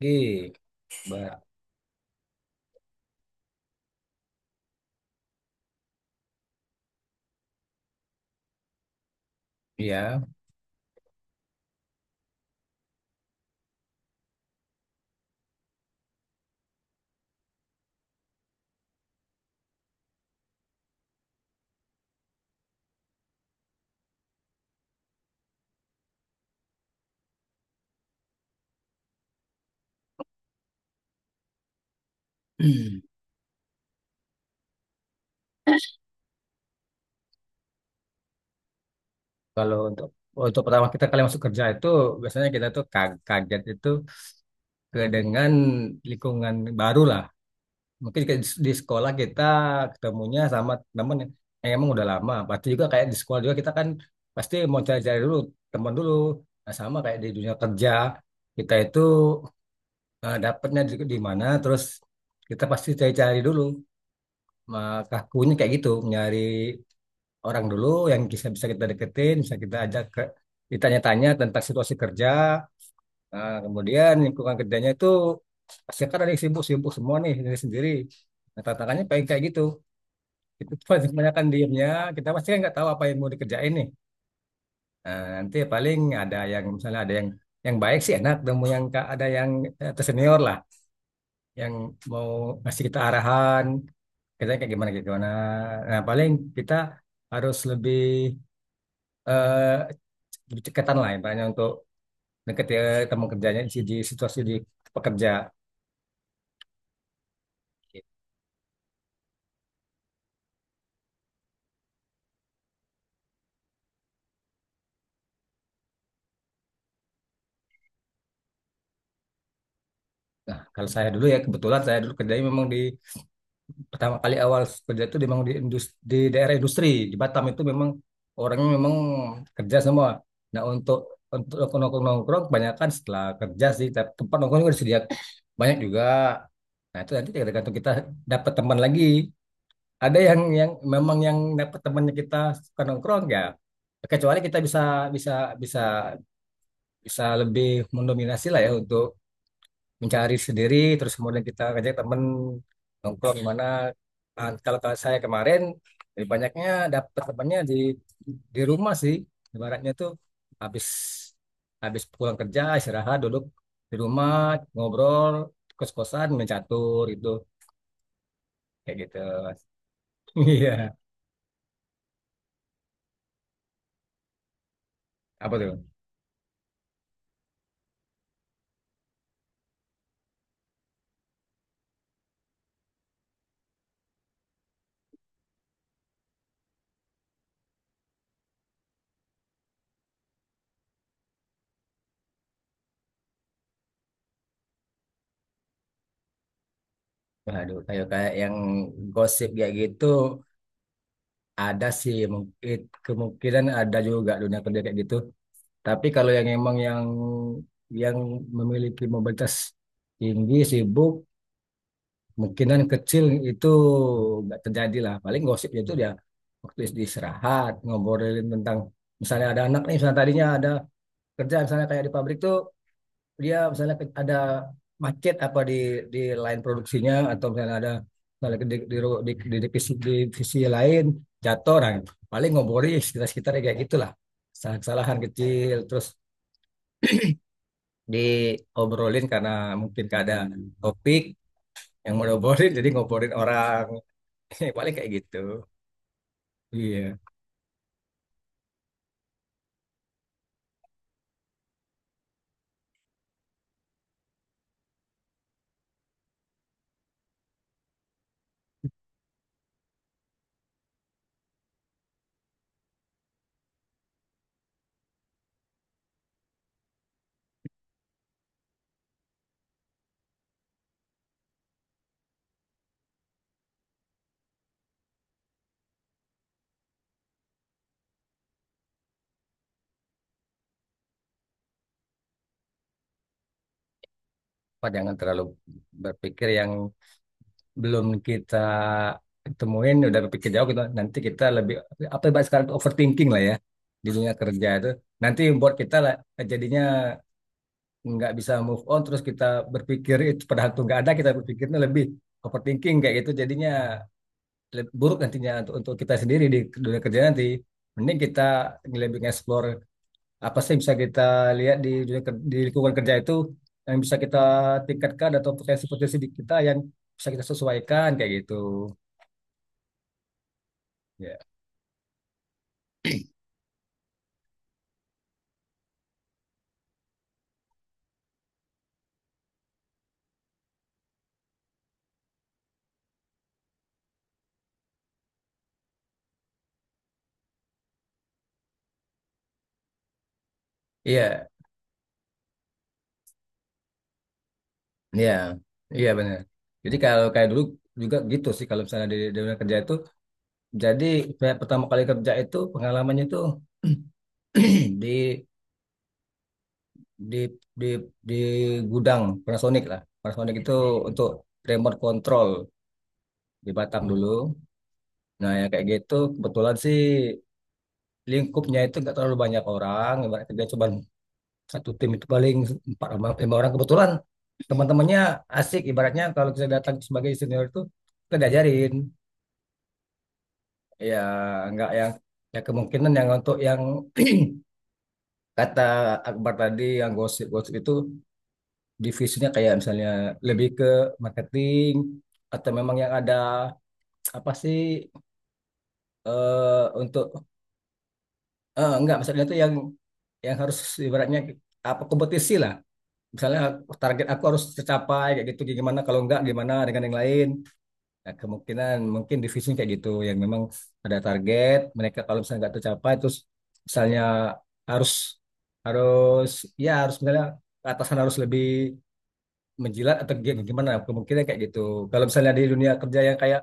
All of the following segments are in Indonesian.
Gig, Mbak. Ya. Kalau untuk untuk pertama kali masuk kerja itu biasanya kita tuh kaget itu ke dengan lingkungan baru lah. Mungkin kayak di sekolah kita ketemunya sama teman yang emang udah lama. Pasti juga kayak di sekolah juga kita kan pasti mau cari-cari dulu teman dulu. Nah, sama kayak di dunia kerja kita itu dapatnya di mana. Terus kita pasti cari-cari dulu. Maka kakunya kayak gitu, nyari orang dulu yang bisa bisa kita deketin, bisa kita ajak ke ditanya-tanya tentang situasi kerja. Nah, kemudian lingkungan kerjanya itu pasti kan ada yang sibuk-sibuk semua nih sendiri sendiri. Nah, tantangannya pengen kayak gitu. Itu paling kebanyakan diemnya, kita pasti kan nggak tahu apa yang mau dikerjain nih. Nah, nanti paling ada yang misalnya, ada yang baik sih enak, temu yang, ada yang tersenior lah, yang mau ngasih kita arahan, kerjanya kayak gimana kayak gimana. Nah, paling kita harus lebih ceketan lah intinya untuk deket ya teman kerjanya di situasi di pekerja. Nah, kalau saya dulu, ya kebetulan saya dulu kerjanya memang di pertama kali awal kerja itu memang di industri, di daerah industri di Batam itu memang orangnya memang kerja semua. Nah, untuk nongkrong nongkrong kebanyakan setelah kerja sih, tapi tempat nongkrong juga disediakan banyak juga. Nah, itu nanti tergantung kita dapat teman lagi. Ada yang memang yang dapat temannya, kita suka nongkrong ya. Kecuali kita bisa bisa bisa bisa lebih mendominasi lah ya untuk mencari sendiri, terus kemudian kita ngajak temen nongkrong di mana. Ah, kalau saya kemarin lebih banyaknya dapat temannya di rumah sih, ibaratnya tuh habis habis pulang kerja istirahat duduk di rumah ngobrol, kos-kosan main catur gitu, kayak gitu. Iya, apa tuh. Waduh, kayak kayak yang gosip kayak gitu ada sih mungkin, kemungkinan ada juga dunia kerja kayak gitu. Tapi kalau yang emang yang memiliki mobilitas tinggi sibuk, kemungkinan kecil itu nggak terjadi lah. Paling gosip itu dia waktu istirahat ngobrolin tentang misalnya ada anak nih, misalnya tadinya ada kerja misalnya kayak di pabrik tuh, dia misalnya ada macet apa di di lain produksinya, atau misalnya ada misalnya di divisi, divisi lain jatuh orang. Paling ngobrolin sekitar sekitar kayak gitulah, kesalahan kesalahan kecil terus diobrolin karena mungkin gak ada topik yang mau diobrolin, jadi ngobrolin orang. Paling kayak gitu, iya. Pak, jangan terlalu berpikir yang belum kita temuin udah berpikir jauh gitu, nanti kita lebih apa yang bahas sekarang tuh overthinking lah ya di dunia kerja itu. Nanti buat kita lah jadinya nggak bisa move on, terus kita berpikir itu padahal tuh nggak ada, kita berpikirnya lebih overthinking kayak gitu, jadinya buruk nantinya untuk kita sendiri di dunia kerja nanti. Mending kita lebih nge-explore apa sih yang bisa kita lihat di dunia di lingkungan kerja itu, yang bisa kita tingkatkan atau potensi-potensi di kita yang bisa kita sesuaikan kayak gitu. Iya, iya, iya, iya benar. Jadi kalau kayak dulu juga gitu sih, kalau misalnya di dunia kerja itu. Jadi saya pertama kali kerja itu pengalamannya itu di di di di gudang Panasonic lah. Panasonic itu untuk remote control di Batam dulu. Nah, yang kayak gitu kebetulan sih lingkupnya itu nggak terlalu banyak orang. Ibarat kerja cuma satu tim itu paling empat orang- lima orang, kebetulan teman-temannya asik, ibaratnya kalau kita datang sebagai senior itu kita diajarin. Ya, nggak yang, ya kemungkinan yang untuk yang kata Akbar tadi yang gosip-gosip itu, divisinya kayak misalnya lebih ke marketing, atau memang yang ada apa sih untuk. Enggak, maksudnya itu yang harus ibaratnya apa, kompetisi lah misalnya, target aku harus tercapai kayak gitu, gimana kalau enggak, gimana dengan yang lain. Nah, kemungkinan mungkin divisi kayak gitu yang memang ada target mereka, kalau misalnya nggak tercapai terus misalnya harus harus ya harus misalnya atasan harus lebih menjilat atau gimana, kemungkinan kayak gitu. Kalau misalnya di dunia kerja yang kayak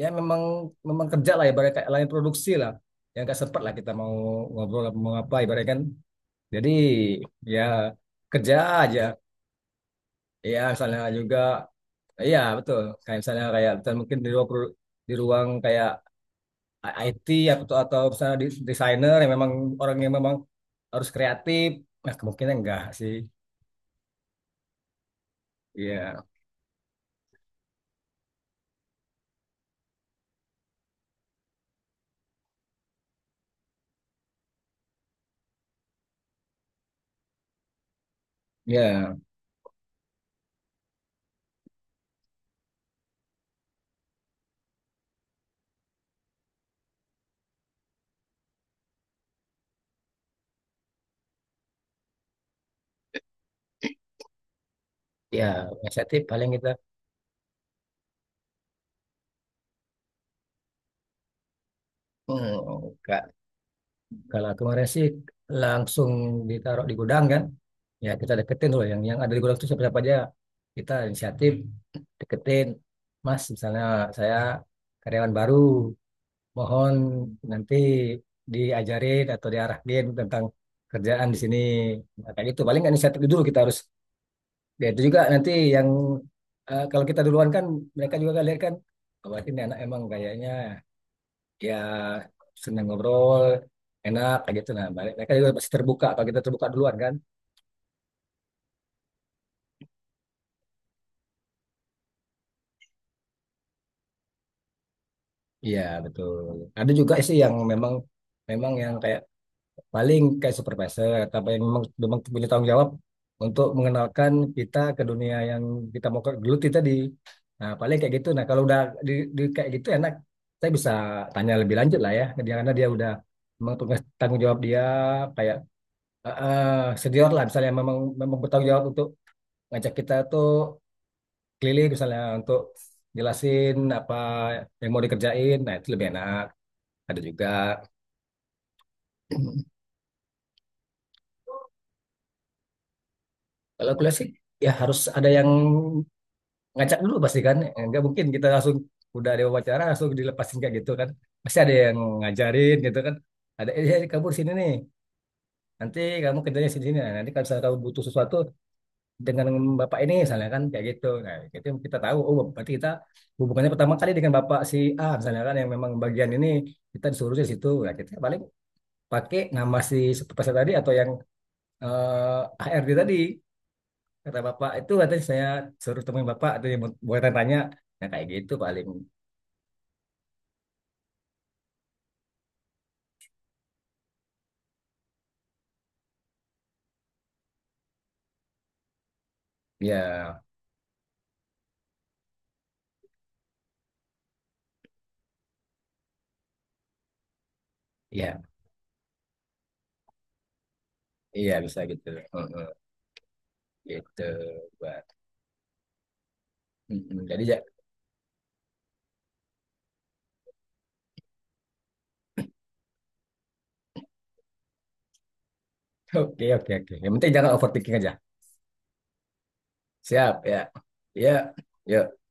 ya memang memang kerja lah, ibaratnya kayak lain produksi lah, yang nggak sempat lah kita mau ngobrol apa- mau apa ibaratnya kan. Jadi ya kerja aja. Ya misalnya juga iya betul, kayak misalnya mungkin di ruang di ruang kayak IT, atau misalnya di- desainer yang memang orang yang memang harus kreatif, nah kemungkinan enggak sih. Iya, iya, iya, inisiatif paling kita. Hmm, enggak, kalau kemarin sih langsung ditaruh di gudang kan, ya kita deketin dulu yang ada di gudang itu siapa siapa aja. Kita inisiatif deketin, Mas misalnya saya karyawan baru, mohon nanti diajarin atau diarahin tentang kerjaan di sini. Nah, kayak gitu. Paling kan inisiatif dulu kita harus. Ya itu juga nanti yang kalau kita duluan kan mereka juga kan lihat kan bahwa ini anak emang kayaknya ya senang ngobrol, enak kayak gitu. Nah, mereka juga pasti terbuka kalau kita terbuka duluan kan. Iya, betul. Ada juga sih yang memang memang yang kayak paling kayak supervisor, tapi yang memang memang punya tanggung jawab untuk mengenalkan kita ke dunia yang kita mau geluti tadi, nah paling kayak gitu. Nah, kalau udah di, kayak gitu enak, saya bisa tanya lebih lanjut lah ya dia, karena dia udah memang tugas tanggung jawab dia. Kayak senior lah, misalnya memang memang bertanggung jawab untuk ngajak kita tuh keliling misalnya untuk jelasin apa yang mau dikerjain, nah itu lebih enak. Ada juga kalau kuliah sih ya harus ada yang ngacak dulu pasti kan. Eh, nggak mungkin kita langsung udah ada wawancara langsung dilepasin kayak gitu kan, pasti ada yang ngajarin gitu kan. Ada kamu di sini nih, nanti kamu kerjanya di sini. Nah, nanti kalau misalnya kamu butuh sesuatu dengan bapak ini misalnya kan, kayak gitu. Nah gitu kita tahu, oh berarti kita hubungannya pertama kali dengan bapak si A misalnya kan, yang memang bagian ini kita disuruh di situ. Nah, kita paling pakai nama si supervisor tadi atau yang HRD tadi, kata bapak itu katanya saya suruh temuin bapak, atau yang buat tanya. Nah kayak gitu paling. Ya, ya, iya bisa gitu. Heeh, gitu, buat. Mm, mm. Jadi ya, oke, oke, oke. Yang penting jangan overthinking aja. Siap, ya. Ya, yuk.